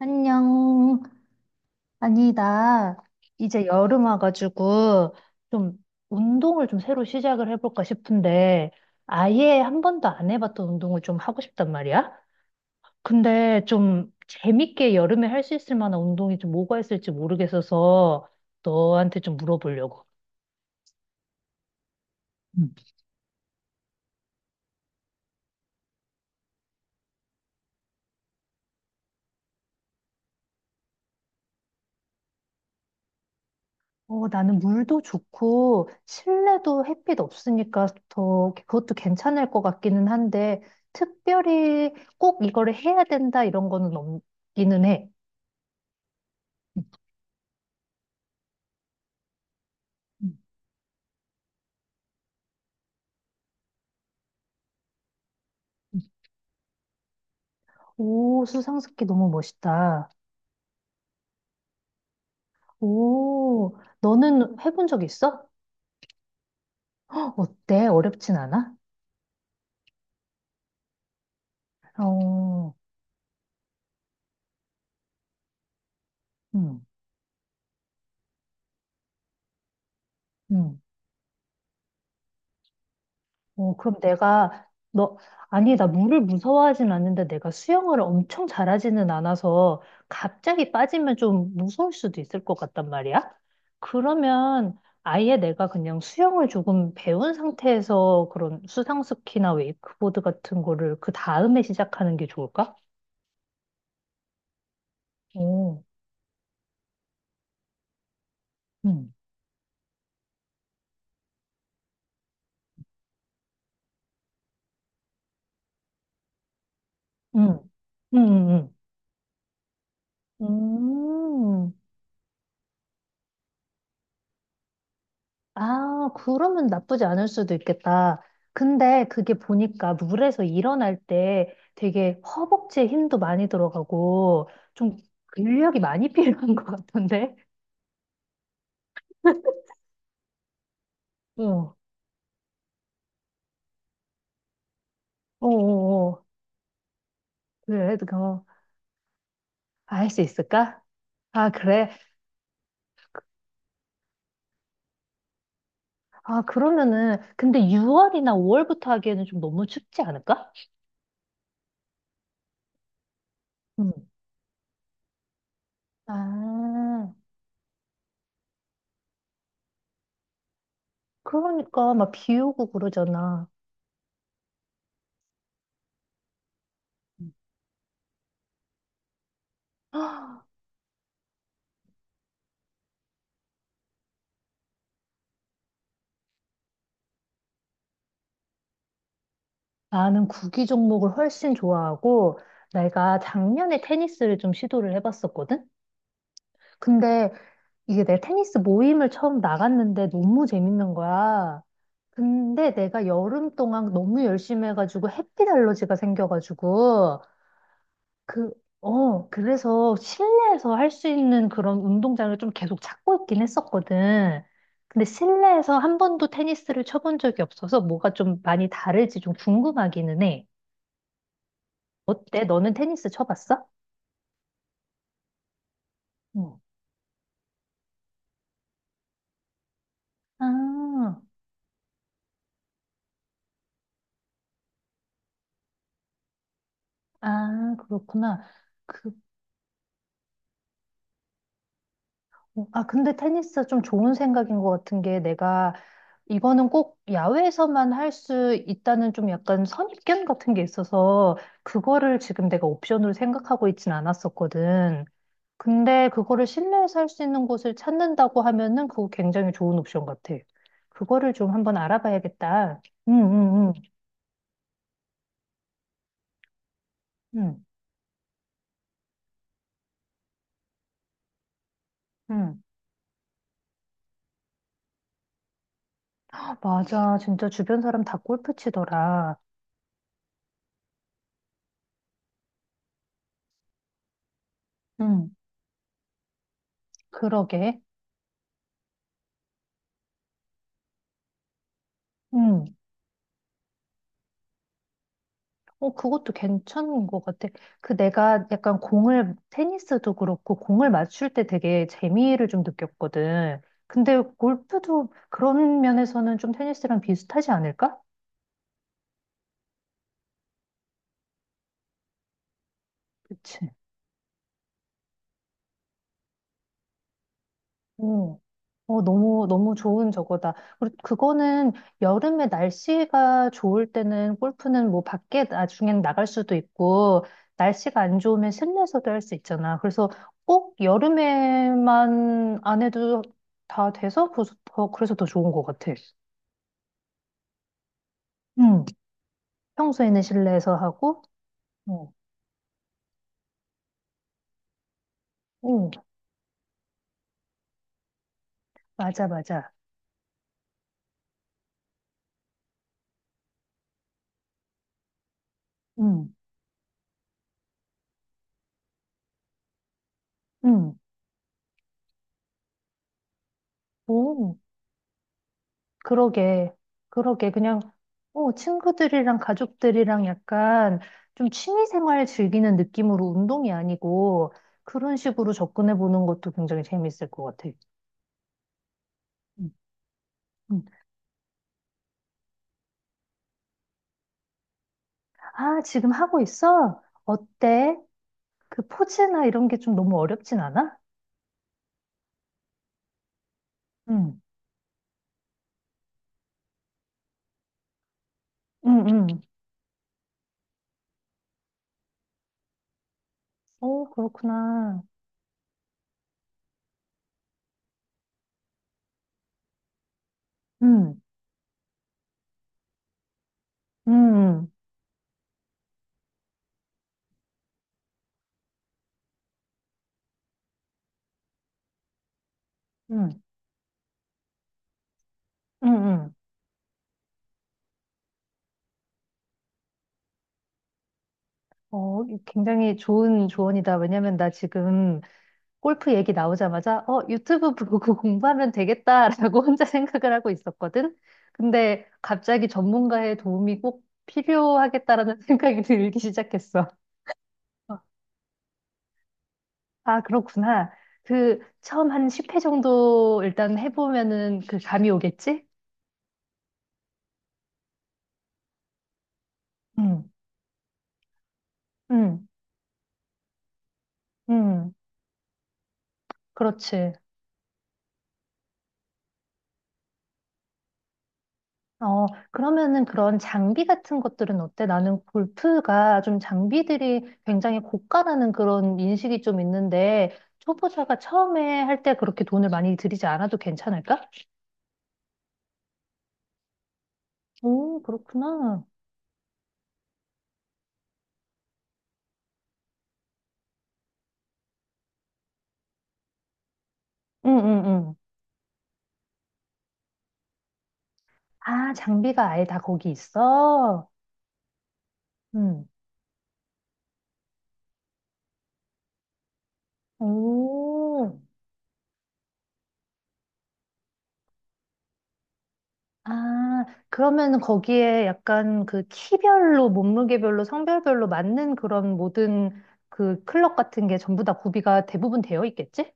안녕. 아니, 나 이제 여름 와가지고 좀 운동을 좀 새로 시작을 해볼까 싶은데 아예 한 번도 안 해봤던 운동을 좀 하고 싶단 말이야. 근데 좀 재밌게 여름에 할 수 있을 만한 운동이 좀 뭐가 있을지 모르겠어서 너한테 좀 물어보려고. 어, 나는 물도 좋고 실내도 햇빛 없으니까 더 그것도 괜찮을 것 같기는 한데 특별히 꼭 이거를 해야 된다 이런 거는 없기는 해. 음. 음, 음. 오, 수상스키 너무 멋있다. 오, 너는 해본 적 있어? 어때? 어렵진 않아? 어, 음, 음. 어, 그럼 내가, 너, 아니, 나 물을 무서워하진 않는데 내가 수영을 엄청 잘하지는 않아서 갑자기 빠지면 좀 무서울 수도 있을 것 같단 말이야? 그러면 아예 내가 그냥 수영을 조금 배운 상태에서 그런 수상스키나 웨이크보드 같은 거를 그 다음에 시작하는 게 좋을까? 오, 응, 응, 응, 응, 응. 아, 그러면 나쁘지 않을 수도 있겠다. 근데 그게 보니까 물에서 일어날 때 되게 허벅지에 힘도 많이 들어가고 좀 근력이 많이 필요한 것 같던데? 어, 어, 어, 어. 그래, 그거 할 수 있을까? 아, 그래. 아, 그러면은 근데 6월이나 5월부터 하기에는 좀 너무 춥지 않을까? 음. 아, 그러니까 막 비 오고 그러잖아. 나는 구기 종목을 훨씬 좋아하고, 내가 작년에 테니스를 좀 시도를 해봤었거든? 근데 이게 내 테니스 모임을 처음 나갔는데 너무 재밌는 거야. 근데 내가 여름 동안 너무 열심히 해가지고 햇빛 알러지가 생겨가지고, 그, 그래서 실내에서 할 수 있는 그런 운동장을 좀 계속 찾고 있긴 했었거든. 근데 실내에서 한 번도 테니스를 쳐본 적이 없어서 뭐가 좀 많이 다를지 좀 궁금하기는 해. 어때? 너는 테니스 쳐봤어? 응. 아, 아, 그렇구나. 그, 아, 근데 테니스 좀 좋은 생각인 것 같은 게 내가 이거는 꼭 야외에서만 할 수 있다는 좀 약간 선입견 같은 게 있어서 그거를 지금 내가 옵션으로 생각하고 있진 않았었거든. 근데 그거를 실내에서 할 수 있는 곳을 찾는다고 하면은 그거 굉장히 좋은 옵션 같아. 그거를 좀 한번 알아봐야겠다. 응, 응, 응, 응, 응. 맞아. 진짜 주변 사람 다 골프 치더라. 응, 그러게. 응. 어, 그것도 괜찮은 것 같아. 그 내가 약간 공을, 테니스도 그렇고, 공을 맞출 때 되게 재미를 좀 느꼈거든. 근데 골프도 그런 면에서는 좀 테니스랑 비슷하지 않을까? 그치. 어, 너무, 너무 좋은 저거다. 그리고 그거는 여름에 날씨가 좋을 때는 골프는 뭐 밖에 나중엔 나갈 수도 있고, 날씨가 안 좋으면 실내에서도 할 수 있잖아. 그래서 꼭 여름에만 안 해도 다 돼서, 그래서 더, 그래서 더 좋은 것 같아. 응. 평소에는 실내에서 하고, 어, 응, 맞아, 맞아. 응, 응. 오. 그러게, 그러게. 그냥, 어, 친구들이랑 가족들이랑 약간 좀 취미생활 즐기는 느낌으로 운동이 아니고 그런 식으로 접근해 보는 것도 굉장히 재밌을 것 같아. 음, 음. 아, 지금 하고 있어? 어때? 그 포즈나 이런 게 좀 너무 어렵진 않아? 응, 응, 응. 오, 그렇구나. 응, 응, 응, 응, 응. 어, 굉장히 좋은 조언이다. 왜냐면 나 지금 골프 얘기 나오자마자 어, 유튜브 보고 공부하면 되겠다라고 혼자 생각을 하고 있었거든. 근데 갑자기 전문가의 도움이 꼭 필요하겠다라는 생각이 들기 시작했어. 어, 아, 그렇구나. 그 처음 한 10회 정도 일단 해보면은 그 감이 오겠지? 응, 응, 응. 그렇지. 어, 그러면은 그런 장비 같은 것들은 어때? 나는 골프가 좀 장비들이 굉장히 고가라는 그런 인식이 좀 있는데, 초보자가 처음에 할 때 그렇게 돈을 많이 들이지 않아도 괜찮을까? 오, 그렇구나. 응, 응, 응. 아, 장비가 아예 다 거기 있어? 응. 오. 아, 그러면 거기에 약간 그 키별로, 몸무게별로, 성별별로 맞는 그런 모든 그 클럽 같은 게 전부 다 구비가 대부분 되어 있겠지?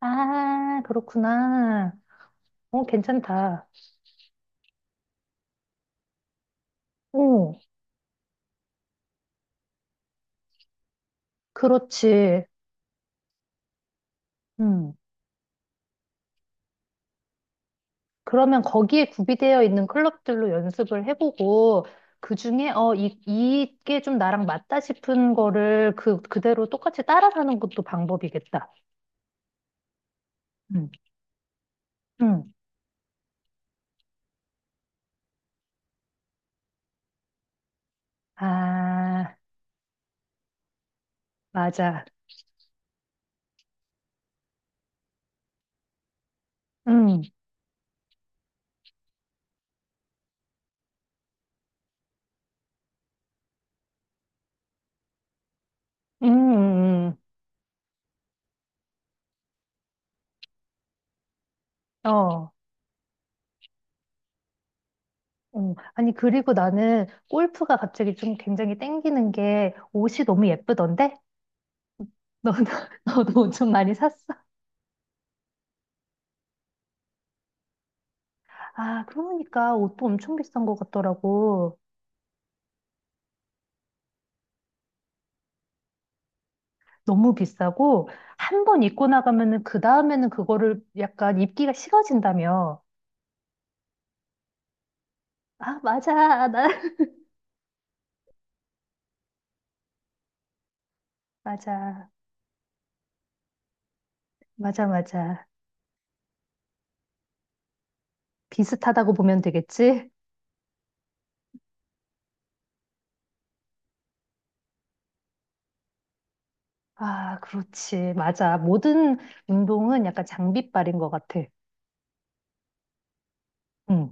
아, 그렇구나. 어, 괜찮다. 오, 그렇지. 음. 그러면 거기에 구비되어 있는 클럽들로 연습을 해보고, 그 중에, 어, 이, 이게 좀 나랑 맞다 싶은 거를 그, 그대로 똑같이 따라가는 것도 방법이겠다. 음. 음. 아, 맞아. 음. 음, 음, 어. 어. 아니, 그리고 나는 골프가 갑자기 좀 굉장히 땡기는 게 옷이 너무 예쁘던데? 너도, 너도 옷 좀 많이 샀어? 아, 그러니까 옷도 엄청 비싼 것 같더라고. 너무 비싸고, 한 번 입고 나가면은 그 다음에는 그거를 약간 입기가 식어진다며. 아, 맞아. 나, 맞아. 맞아, 맞아. 비슷하다고 보면 되겠지? 아, 그렇지. 맞아. 모든 운동은 약간 장비빨인 것 같아. 응.